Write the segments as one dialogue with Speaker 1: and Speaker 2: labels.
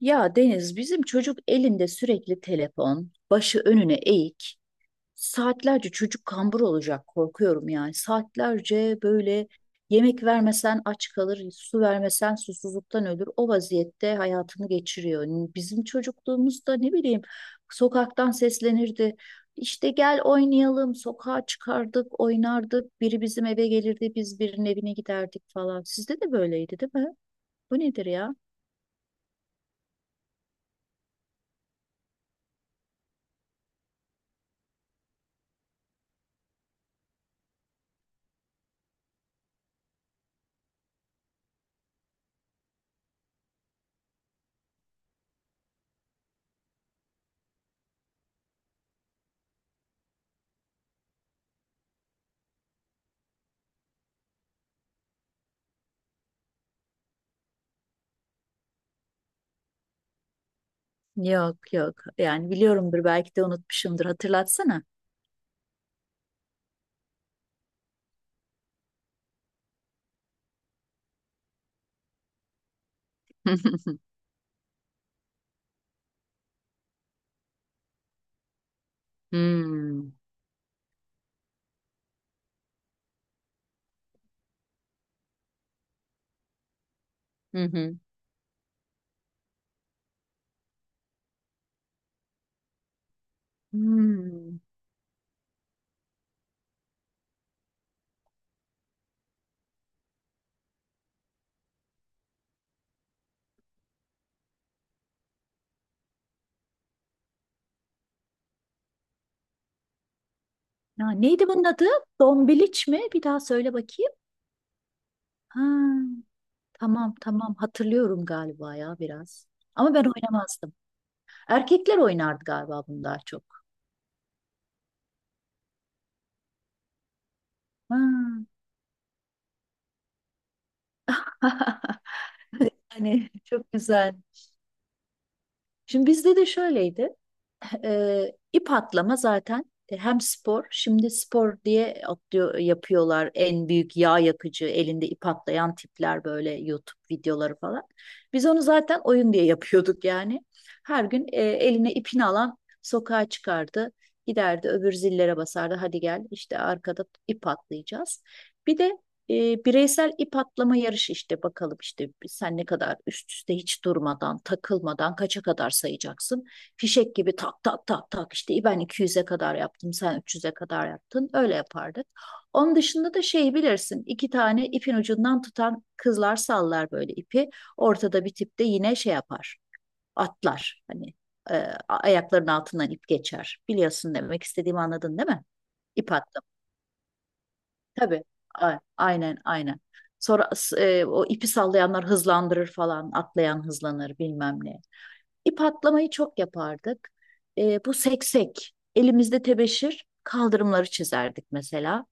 Speaker 1: Ya Deniz, bizim çocuk elinde sürekli telefon, başı önüne eğik. Saatlerce çocuk kambur olacak korkuyorum yani. Saatlerce böyle yemek vermesen aç kalır, su vermesen susuzluktan ölür. O vaziyette hayatını geçiriyor. Bizim çocukluğumuzda ne bileyim sokaktan seslenirdi. İşte gel oynayalım. Sokağa çıkardık, oynardık. Biri bizim eve gelirdi, biz birinin evine giderdik falan. Sizde de böyleydi, değil mi? Bu nedir ya? Yok yok. Yani biliyorumdur belki de unutmuşumdur. Hatırlatsana. Hmm. Hı hı. Hmm. Ya, neydi bunun adı? Dombiliç mi? Bir daha söyle bakayım. Ha, tamam tamam hatırlıyorum galiba ya biraz. Ama ben oynamazdım. Erkekler oynardı galiba bunu daha çok. Ha. Hani çok güzel. Şimdi bizde de şöyleydi. E, ip atlama zaten, hem spor, şimdi spor diye atlıyor, yapıyorlar en büyük yağ yakıcı, elinde ip atlayan tipler böyle YouTube videoları falan. Biz onu zaten oyun diye yapıyorduk yani. Her gün eline ipini alan sokağa çıkardı, giderdi öbür zillere basardı, hadi gel işte arkada ip atlayacağız. Bir de bireysel ip atlama yarışı işte bakalım işte sen ne kadar üst üste hiç durmadan, takılmadan kaça kadar sayacaksın? Fişek gibi tak tak tak tak işte ben 200'e kadar yaptım, sen 300'e kadar yaptın, öyle yapardık. Onun dışında da şeyi bilirsin, iki tane ipin ucundan tutan kızlar sallar böyle ipi, ortada bir tip de yine şey yapar, atlar hani, e, ayaklarının altından ip geçer, biliyorsun demek istediğimi, anladın değil mi? İp attım tabii. Aynen aynen. Sonra o ipi sallayanlar hızlandırır falan, atlayan hızlanır bilmem ne. İp atlamayı çok yapardık. Bu seksek. Elimizde tebeşir kaldırımları çizerdik mesela.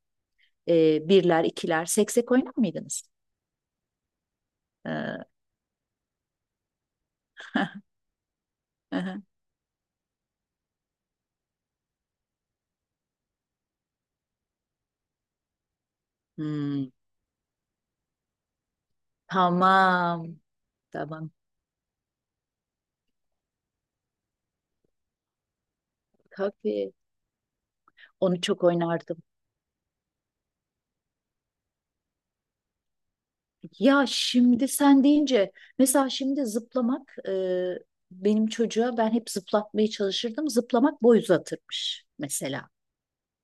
Speaker 1: Birler, ikiler. Seksek oynar mıydınız? E, hmm. Tamam. Tamam. Tabii. Onu çok oynardım. Ya şimdi sen deyince, mesela şimdi zıplamak, benim çocuğa ben hep zıplatmaya çalışırdım. Zıplamak boy uzatırmış mesela.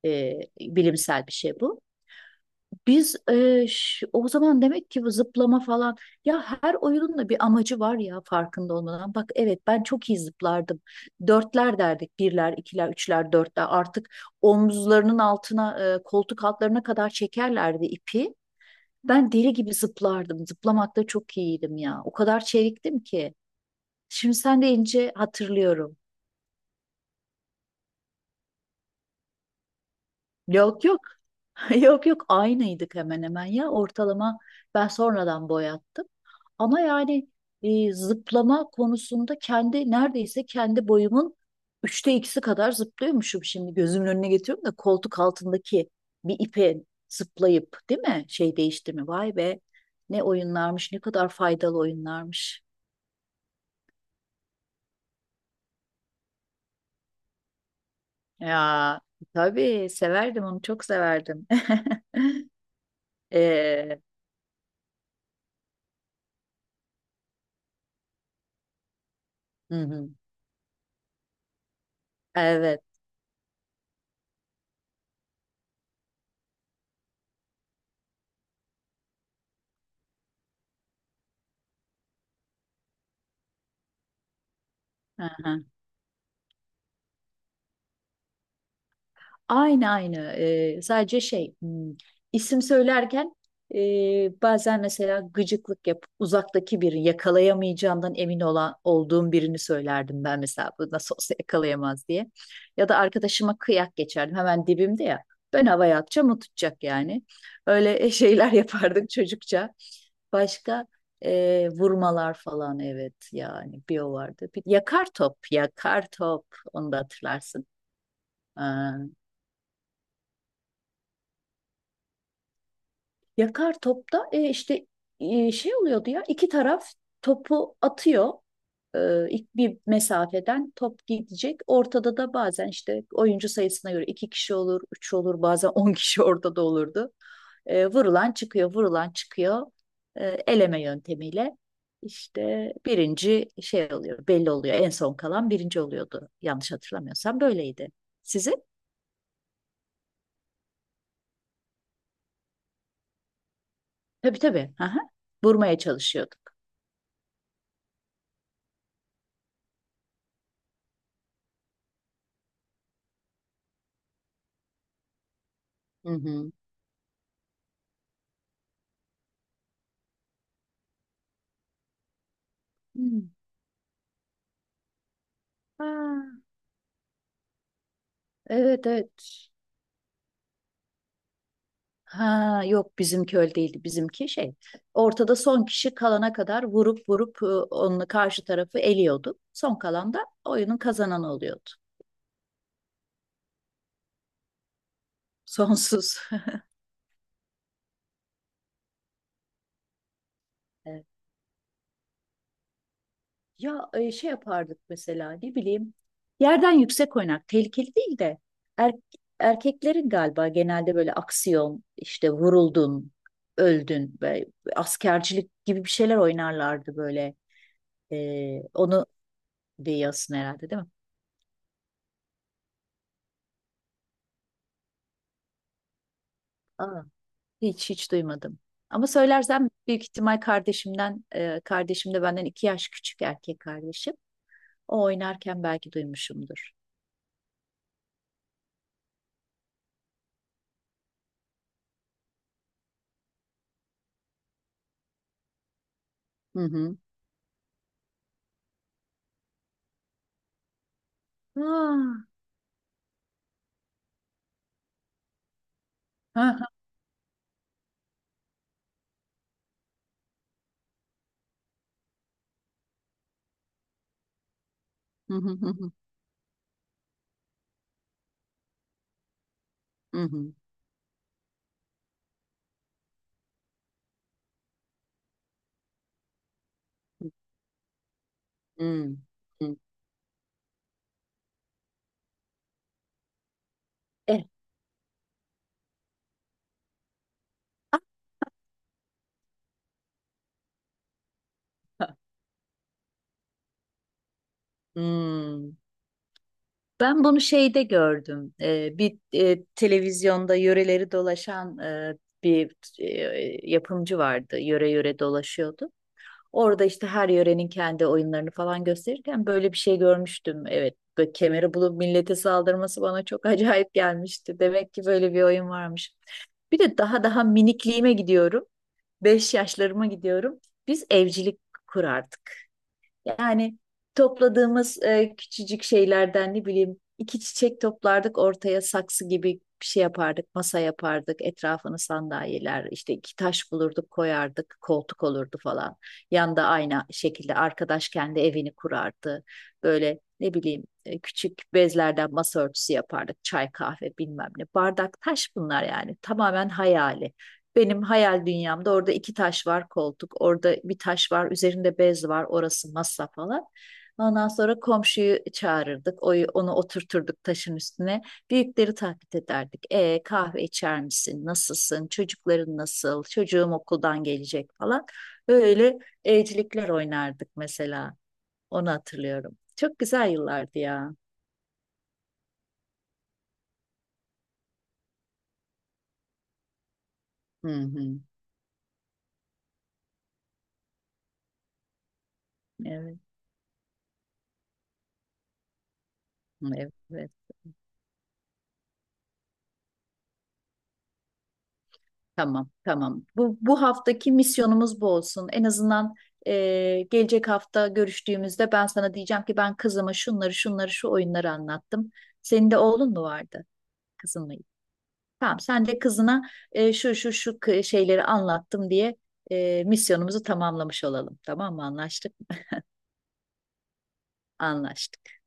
Speaker 1: E, bilimsel bir şey bu. Biz o zaman demek ki, bu zıplama falan, ya her oyunun da bir amacı var ya, farkında olmadan. Bak evet, ben çok iyi zıplardım. Dörtler derdik. Birler, ikiler, üçler, dörtler. Artık omuzlarının altına, koltuk altlarına kadar çekerlerdi ipi. Ben deli gibi zıplardım. Zıplamakta çok iyiydim ya. O kadar çeviktim ki. Şimdi sen deyince hatırlıyorum. Yok yok. Yok yok, aynıydık hemen hemen ya, ortalama, ben sonradan boyattım. Ama yani zıplama konusunda kendi neredeyse kendi boyumun üçte ikisi kadar zıplıyormuşum, şimdi gözümün önüne getiriyorum da, koltuk altındaki bir ipe zıplayıp, değil mi, şey değişti mi, vay be, ne oyunlarmış, ne kadar faydalı oyunlarmış. Ya tabii severdim, onu çok severdim. Ee, hı hı, evet. Aynı aynı. Sadece şey, isim söylerken, e, bazen mesela gıcıklık yapıp uzaktaki biri, yakalayamayacağından emin olan olduğum birini söylerdim ben mesela, bu nasıl olsa yakalayamaz diye. Ya da arkadaşıma kıyak geçerdim, hemen dibimde ya. Ben havaya atacağım, o tutacak yani. Öyle şeyler yapardık çocukça. Başka vurmalar falan, evet yani bir o vardı. Bir, yakar top, yakar top, onu da hatırlarsın. Yakar topta şey oluyordu ya, iki taraf topu atıyor, ilk bir mesafeden top gidecek. Ortada da bazen, işte oyuncu sayısına göre iki kişi olur, üç olur, bazen 10 kişi ortada olurdu. Vurulan çıkıyor, vurulan çıkıyor. Eleme yöntemiyle işte birinci şey oluyor, belli oluyor. En son kalan birinci oluyordu. Yanlış hatırlamıyorsam böyleydi. Sizin? Tabii tabii. Aha. Vurmaya çalışıyorduk. Hı hı. Hmm. Evet evet. Ha yok, bizimki öyle değildi. Bizimki şey, ortada son kişi kalana kadar vurup vurup onun karşı tarafı eliyordu. Son kalan da oyunun kazananı oluyordu. Sonsuz. Evet. Ya şey yapardık mesela, ne bileyim yerden yüksek oynak, tehlikeli değil de er- erkeklerin galiba genelde böyle aksiyon, işte vuruldun, öldün ve askercilik gibi bir şeyler oynarlardı böyle. Onu diyorsun herhalde, değil mi? Aa. Hiç hiç duymadım. Ama söylersem büyük ihtimal kardeşimden, kardeşim de benden 2 yaş küçük erkek kardeşim. O oynarken belki duymuşumdur. Hı hı. Aa, ha, ha. Hı hı hı hı. Hı hı. Hı hı. E, ah. Hmm. Ben bunu şeyde gördüm. Bir televizyonda yöreleri dolaşan bir yapımcı vardı. Yöre yöre dolaşıyordu. Orada işte her yörenin kendi oyunlarını falan gösterirken böyle bir şey görmüştüm. Evet, böyle kemeri bulup millete saldırması bana çok acayip gelmişti. Demek ki böyle bir oyun varmış. Bir de daha daha minikliğime gidiyorum. 5 yaşlarıma gidiyorum. Biz evcilik kurardık. Yani topladığımız küçücük şeylerden, ne bileyim iki çiçek toplardık ortaya, saksı gibi bir şey yapardık, masa yapardık, etrafını sandalyeler, işte iki taş bulurduk koyardık, koltuk olurdu falan. Yanda aynı şekilde arkadaş kendi evini kurardı. Böyle ne bileyim küçük bezlerden masa örtüsü yapardık, çay kahve bilmem ne. Bardak taş, bunlar yani tamamen hayali. Benim hayal dünyamda orada iki taş var koltuk, orada bir taş var, üzerinde bez var, orası masa falan. Ondan sonra komşuyu çağırırdık, onu oturturduk taşın üstüne. Büyükleri taklit ederdik. Kahve içer misin? Nasılsın? Çocukların nasıl? Çocuğum okuldan gelecek falan. Böyle evcilikler oynardık mesela. Onu hatırlıyorum. Çok güzel yıllardı ya. Hı hı. Evet. Evet. Tamam, tamam. Bu haftaki misyonumuz bu olsun. En azından gelecek hafta görüştüğümüzde ben sana diyeceğim ki ben kızıma şunları, şunları, şu oyunları anlattım. Senin de oğlun mu vardı? Kızın mıydı? Tamam, sen de kızına şu, şu, şu şeyleri anlattım diye misyonumuzu tamamlamış olalım. Tamam mı? Anlaştık mı? Anlaştık.